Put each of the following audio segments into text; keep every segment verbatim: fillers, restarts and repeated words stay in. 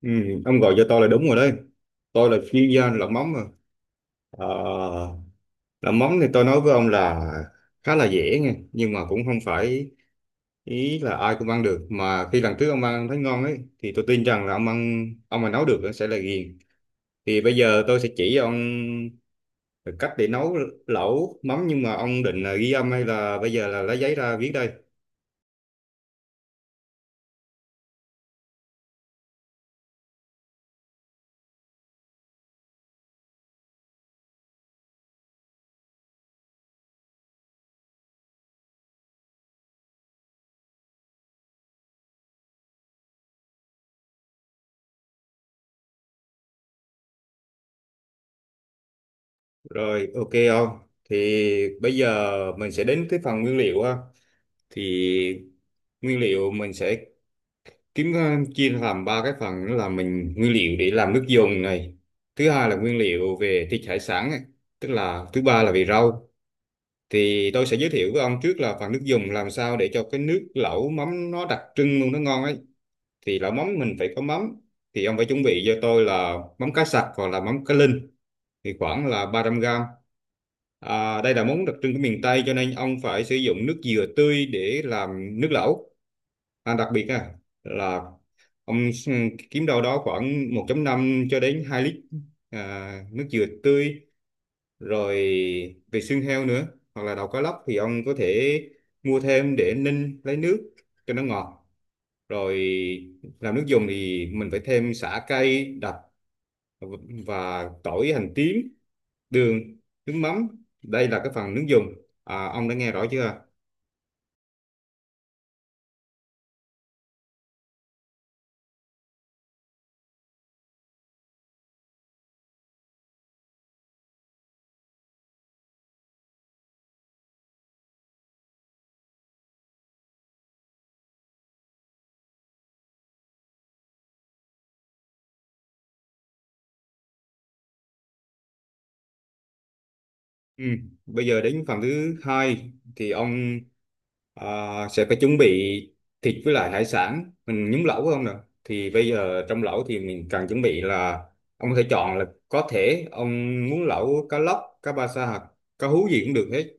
Ừ, ông gọi cho tôi là đúng rồi đấy. Tôi là chuyên gia làm mắm mà. Ờ, làm mắm thì tôi nói với ông là khá là dễ nghe, nhưng mà cũng không phải ý là ai cũng ăn được. Mà khi lần trước ông ăn thấy ngon ấy, thì tôi tin rằng là ông ăn, ông mà nấu được sẽ là ghiền. Thì bây giờ tôi sẽ chỉ ông cách để nấu lẩu mắm, nhưng mà ông định là ghi âm hay là bây giờ là lấy giấy ra viết đây? Rồi, ok ông. Thì bây giờ mình sẽ đến cái phần nguyên liệu ha. Thì nguyên liệu mình sẽ kiếm, ờ, chia làm ba cái phần, đó là mình nguyên liệu để làm nước dùng này, thứ hai là nguyên liệu về thịt hải sản này, tức là thứ ba là về rau. Thì tôi sẽ giới thiệu với ông trước là phần nước dùng, làm sao để cho cái nước lẩu mắm nó đặc trưng luôn, nó ngon ấy. Thì lẩu mắm mình phải có mắm, thì ông phải chuẩn bị cho tôi là mắm cá sặc hoặc là mắm cá linh, thì khoảng là 300 gram. À, đây là món đặc trưng của miền Tây cho nên ông phải sử dụng nước dừa tươi để làm nước lẩu. À, đặc biệt á là ông s- kiếm đâu đó khoảng một chấm năm cho đến hai lít, à, nước dừa tươi. Rồi, về xương heo nữa, hoặc là đầu cá lóc, thì ông có thể mua thêm để ninh lấy nước cho nó ngọt. Rồi làm nước dùng thì mình phải thêm sả cay đặc, và tỏi, hành tím, đường, nước mắm. Đây là cái phần nước dùng. À, ông đã nghe rõ chưa? Ừ. Bây giờ đến phần thứ hai thì ông À, sẽ phải chuẩn bị thịt với lại hải sản mình nhúng lẩu phải không nè? Thì bây giờ trong lẩu thì mình cần chuẩn bị là ông có thể chọn, là có thể ông muốn lẩu cá lóc, cá ba sa hoặc cá hú gì cũng được hết.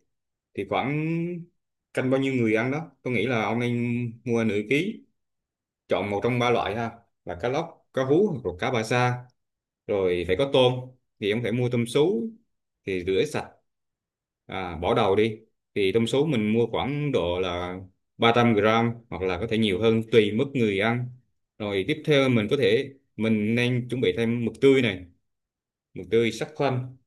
Thì khoảng canh bao nhiêu người ăn đó, tôi nghĩ là ông nên mua nửa ký, chọn một trong ba loại ha, là cá lóc, cá hú hoặc là cá ba sa. Rồi phải có tôm, thì em phải mua tôm sú, thì rửa sạch, à, bỏ đầu đi. Thì tôm sú mình mua khoảng độ là ba trăm gram hoặc là có thể nhiều hơn tùy mức người ăn. Rồi tiếp theo mình có thể mình nên chuẩn bị thêm mực tươi này, mực tươi sắc khoăn.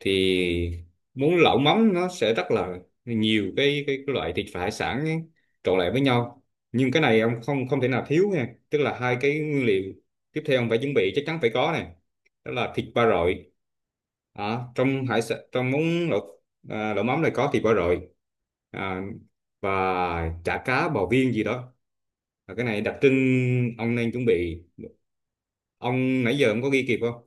Thì muốn lẩu mắm nó sẽ rất là nhiều cái cái, cái loại thịt và hải sản ấy, trộn lại với nhau. Nhưng cái này ông không không thể nào thiếu nha, tức là hai cái nguyên liệu tiếp theo ông phải chuẩn bị chắc chắn phải có này, đó là thịt ba rọi, à, trong hải sản, trong món lẩu, à, lẩu mắm này có thịt ba rọi, à, và chả cá, bò viên gì đó. Và cái này đặc trưng, ông nên chuẩn bị. Ông nãy giờ ông có ghi kịp không?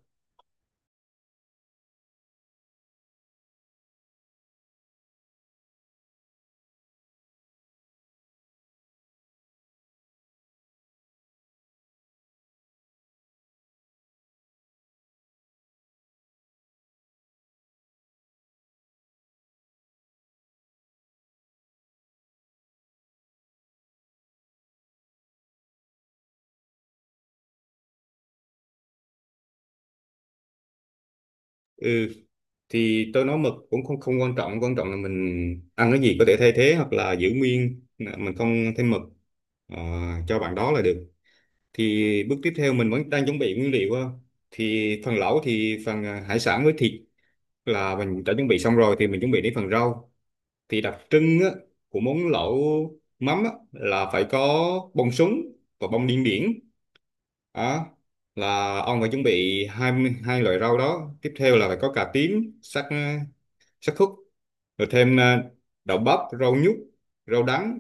Ừ. Thì tôi nói mực cũng không không quan trọng, quan trọng là mình ăn cái gì có thể thay thế hoặc là giữ nguyên, mình không thêm mực, ờ, cho bạn đó là được. Thì bước tiếp theo mình vẫn đang chuẩn bị nguyên liệu á. Thì phần lẩu thì phần à, hải sản với thịt là mình đã chuẩn bị xong rồi, thì mình chuẩn bị đến phần rau. Thì đặc trưng á, của món lẩu mắm á, là phải có bông súng và bông điên điển. Đó là ông phải chuẩn bị hai hai loại rau đó. Tiếp theo là phải có cà tím sắc, sắc thuốc. Rồi thêm à, đậu bắp, rau nhút, rau đắng,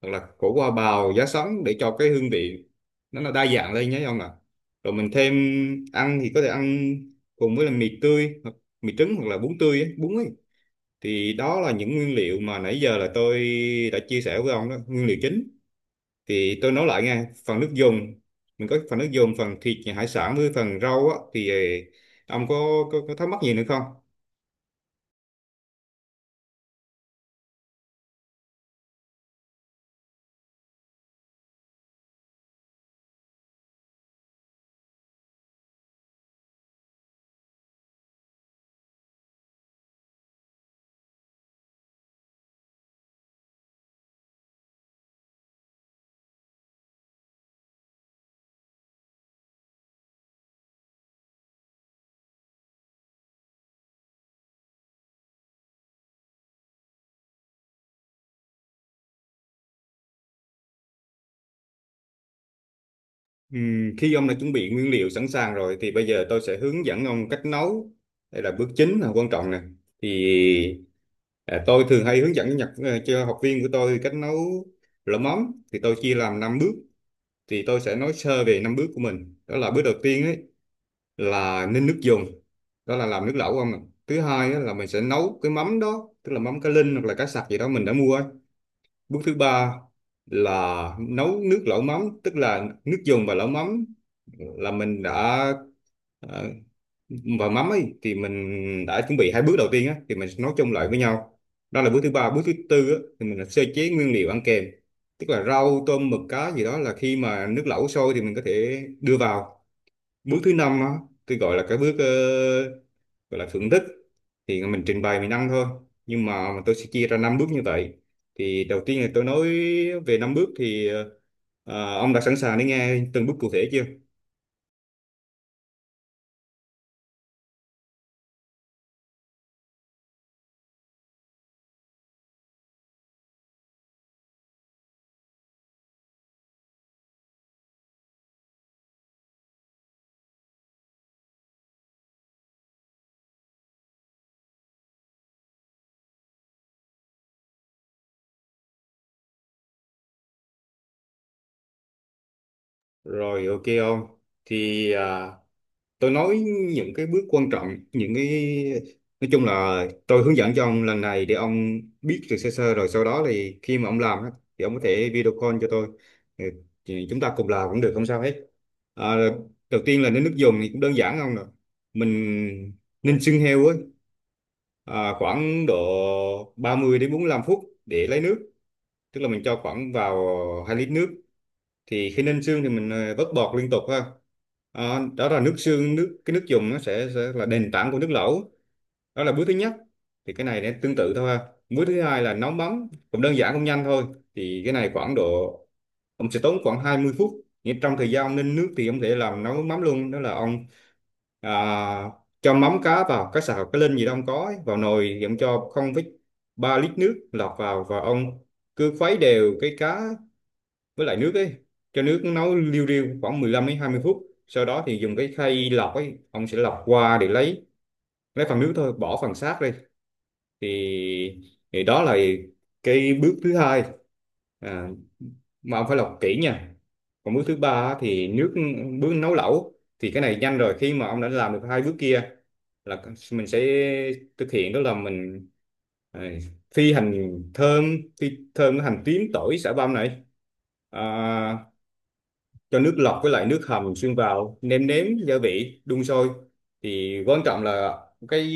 hoặc là củ hoa bào, giá sắn, để cho cái hương vị nó là đa dạng lên nhé ông ạ. Rồi mình thêm ăn thì có thể ăn cùng với là mì tươi hoặc mì trứng hoặc là bún tươi ấy, bún ấy. Thì đó là những nguyên liệu mà nãy giờ là tôi đã chia sẻ với ông đó, nguyên liệu chính. Thì tôi nói lại nghe, phần nước dùng mình có, phần nước dùng, phần thịt hải sản với phần rau á, thì ờ, ông có, có, có thắc mắc gì nữa không? Ừ, khi ông đã chuẩn bị nguyên liệu sẵn sàng rồi thì bây giờ tôi sẽ hướng dẫn ông cách nấu. Đây là bước chính, là quan trọng nè. Thì à, tôi thường hay hướng dẫn nhật, à, cho học viên của tôi cách nấu lẩu mắm. Thì tôi chia làm năm bước. Thì tôi sẽ nói sơ về năm bước của mình. Đó là bước đầu tiên ấy, là ninh nước dùng. Đó là làm nước lẩu ông ạ. Thứ hai á, là mình sẽ nấu cái mắm đó, tức là mắm cá linh hoặc là cá sặc gì đó mình đã mua ấy. Bước thứ ba là nấu nước lẩu mắm, tức là nước dùng và lẩu mắm là mình đã, ờ, và mắm ấy thì mình đã chuẩn bị hai bước đầu tiên á, thì mình sẽ nấu chung lại với nhau. Đó là bước thứ ba. Bước thứ tư á, thì mình là sơ chế nguyên liệu ăn kèm, tức là rau, tôm, mực, cá gì đó, là khi mà nước lẩu sôi thì mình có thể đưa vào. Bước thứ năm á, tôi gọi là cái bước, ờ, gọi là thưởng thức, thì mình trình bày mình ăn thôi. Nhưng mà tôi sẽ chia ra năm bước như vậy. Thì đầu tiên là tôi nói về năm bước, thì ờ, ông đã sẵn sàng để nghe từng bước cụ thể chưa? Rồi, ok ông. Thì à, tôi nói những cái bước quan trọng, những cái nói chung là tôi hướng dẫn cho ông lần này để ông biết được sơ sơ, rồi sau đó thì khi mà ông làm á, thì ông có thể video call cho tôi. Ừ, thì chúng ta cùng làm cũng được, không sao hết. À, đầu tiên là đến nước dùng thì cũng đơn giản không nè, mình ninh xương heo á, à, khoảng độ ba mươi đến bốn lăm phút để lấy nước, tức là mình cho khoảng vào hai lít nước. Thì khi ninh xương thì mình, ờ, vớt bọt liên tục ha. Ờ, đó là nước xương, nước, cái nước dùng nó sẽ, sẽ là nền tảng của nước lẩu. Đó là bước thứ nhất. Thì cái này nó tương tự thôi ha. Bước thứ hai là nấu mắm, cũng đơn giản, cũng nhanh thôi. Thì cái này khoảng độ ông sẽ tốn khoảng hai mươi phút, nhưng trong thời gian ông ninh nước thì ông có thể làm nấu mắm luôn. Đó là ông à, cho mắm cá vào, cá sào cá linh gì đó ông có ấy, vào nồi, thì ông cho không phẩy ba lít nước lọt vào, và ông cứ khuấy đều cái cá với lại nước ấy, cho nước nấu liu riu khoảng mười lăm đến hai mươi phút, sau đó thì dùng cái khay lọc ấy, ông sẽ lọc qua để lấy lấy phần nước thôi, bỏ phần xác đi. Thì thì đó là cái bước thứ hai, à, mà ông phải lọc kỹ nha. Còn bước thứ ba á, thì nước, bước nấu lẩu, thì cái này nhanh rồi, khi mà ông đã làm được hai bước kia, là mình sẽ thực hiện, đó là mình à, phi hành thơm, phi thơm cái hành tím, tỏi, xả băm này, à, cho nước lọc với lại nước hầm xuyên vào, nêm nếm gia vị, đun sôi. Thì quan trọng là cái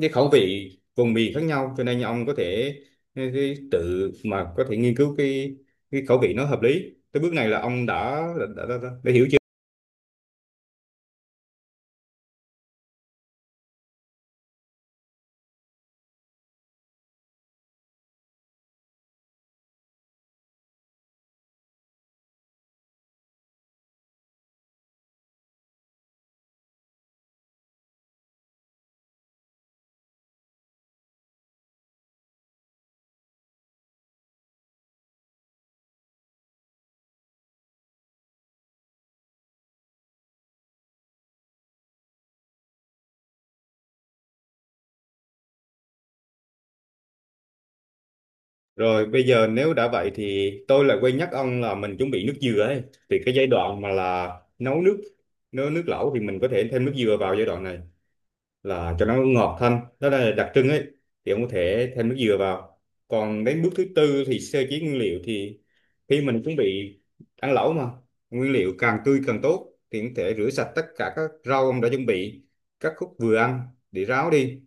cái khẩu vị vùng miền khác nhau, cho nên ông có thể, cái, tự mà có thể nghiên cứu cái cái khẩu vị nó hợp lý. Tới bước này là ông đã, đã, đã, đã, đã hiểu chưa? Rồi, bây giờ nếu đã vậy thì tôi lại quên nhắc ông là mình chuẩn bị nước dừa ấy. Thì cái giai đoạn mà là nấu nước nấu nước lẩu, thì mình có thể thêm nước dừa vào giai đoạn này là cho nó ngọt thanh, đó là đặc trưng ấy. Thì ông có thể thêm nước dừa vào. Còn đến bước thứ tư thì sơ chế nguyên liệu. Thì khi mình chuẩn bị ăn lẩu mà, nguyên liệu càng tươi càng tốt, thì ông có thể rửa sạch tất cả các rau ông đã chuẩn bị, các khúc vừa ăn, để ráo đi.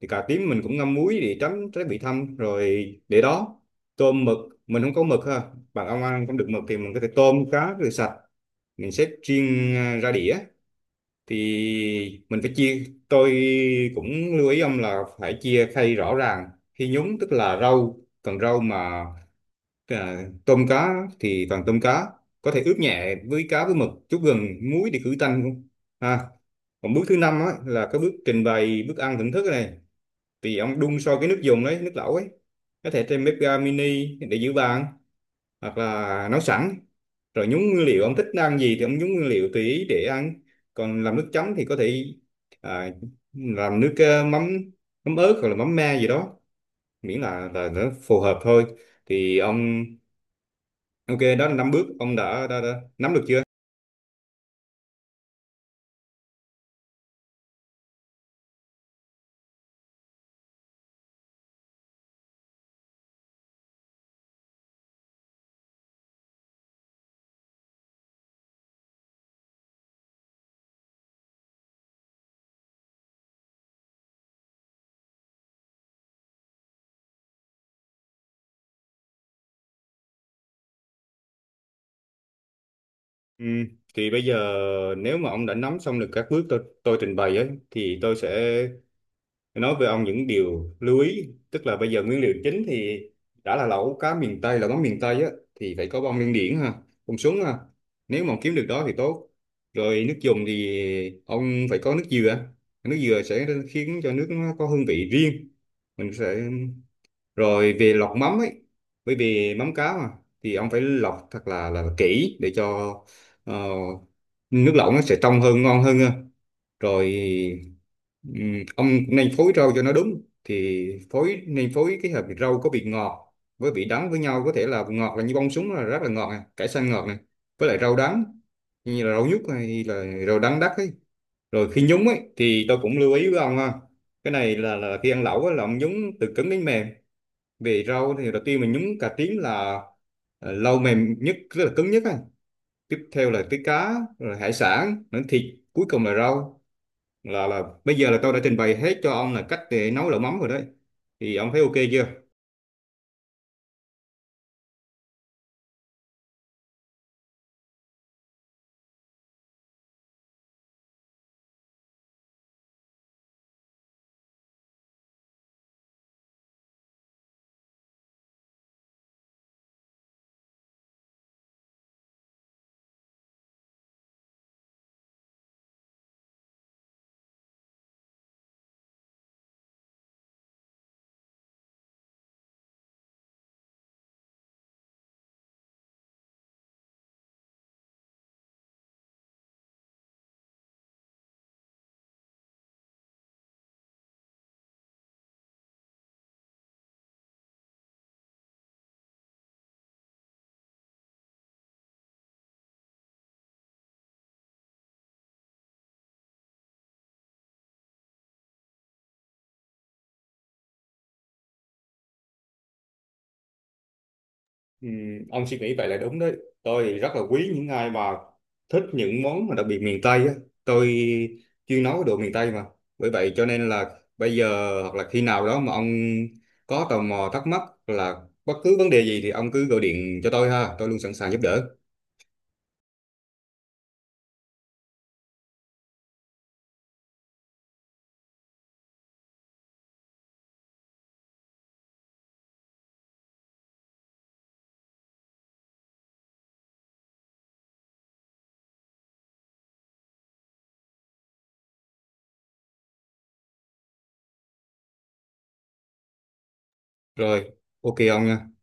Thì cà tím mình cũng ngâm muối để tránh trái bị thâm, rồi để đó. Tôm mực, mình không có mực ha, bạn ông ăn không được mực, thì mình có thể tôm cá rửa sạch, mình xếp riêng, à, ra đĩa. Thì mình phải chia, tôi cũng lưu ý ông là phải chia khay rõ ràng khi nhúng, tức là rau còn rau mà, à, tôm cá thì toàn tôm cá. Có thể ướp nhẹ với cá, với mực chút gừng muối để khử tanh luôn ha. Còn bước thứ năm á là cái bước trình bày bức ăn thưởng thức này. Thì ông đun sôi cái nước dùng đấy, nước lẩu ấy, có thể trên bếp ga mini để giữ bàn, hoặc là nấu sẵn, rồi nhúng nguyên liệu, ông thích ăn gì thì ông nhúng nguyên liệu tùy ý để ăn. Còn làm nước chấm thì có thể à, làm nước, ờ, mắm mắm ớt hoặc là mắm me gì đó, miễn là là nó phù hợp thôi. Thì ông ok, đó là năm bước ông đã, đã, đã nắm được chưa? Ừ, thì bây giờ nếu mà ông đã nắm xong được các bước tôi tôi trình bày ấy, thì tôi sẽ nói về ông những điều lưu ý, tức là bây giờ nguyên liệu chính thì, đã là lẩu cá miền Tây, là món miền Tây á, thì phải có bông điên điển ha, bông súng ha, nếu mà kiếm được đó thì tốt. Rồi nước dùng thì ông phải có nước dừa, nước dừa sẽ khiến cho nước nó có hương vị riêng. Mình sẽ, rồi về lọc mắm ấy, bởi vì mắm cá mà, thì ông phải lọc thật là là kỹ để cho, ờ, nước lẩu nó sẽ trong hơn, ngon hơn ha. Rồi, ừm, ông cũng nên phối rau cho nó đúng, thì phối nên phối cái hợp, rau có vị ngọt với vị đắng với nhau. Có thể là ngọt là như bông súng là rất là ngọt này, cải xanh ngọt này, với lại rau đắng như là rau nhút hay là rau đắng đắt ấy. Rồi khi nhúng ấy thì tôi cũng lưu ý với ông ha, cái này là, là khi ăn lẩu á, là ông nhúng từ cứng đến mềm. Về rau thì đầu tiên mình nhúng cà tím là, ờ, lâu mềm nhất, rất là cứng nhất á. Tiếp theo là tới cá, rồi hải sản nữa, thịt, cuối cùng là rau. Là là bây giờ là tôi đã trình bày hết cho ông là cách để nấu lẩu mắm rồi đấy. Thì ông thấy ok chưa? Ừ, ông suy nghĩ vậy là đúng đấy. Tôi thì rất là quý những ai mà thích những món mà đặc biệt miền Tây á. Tôi chuyên nấu đồ miền Tây mà. Bởi vậy cho nên là bây giờ hoặc là khi nào đó mà ông có tò mò thắc mắc là bất cứ vấn đề gì thì ông cứ gọi điện cho tôi ha, tôi luôn sẵn sàng giúp đỡ. Rồi, ok ông nha.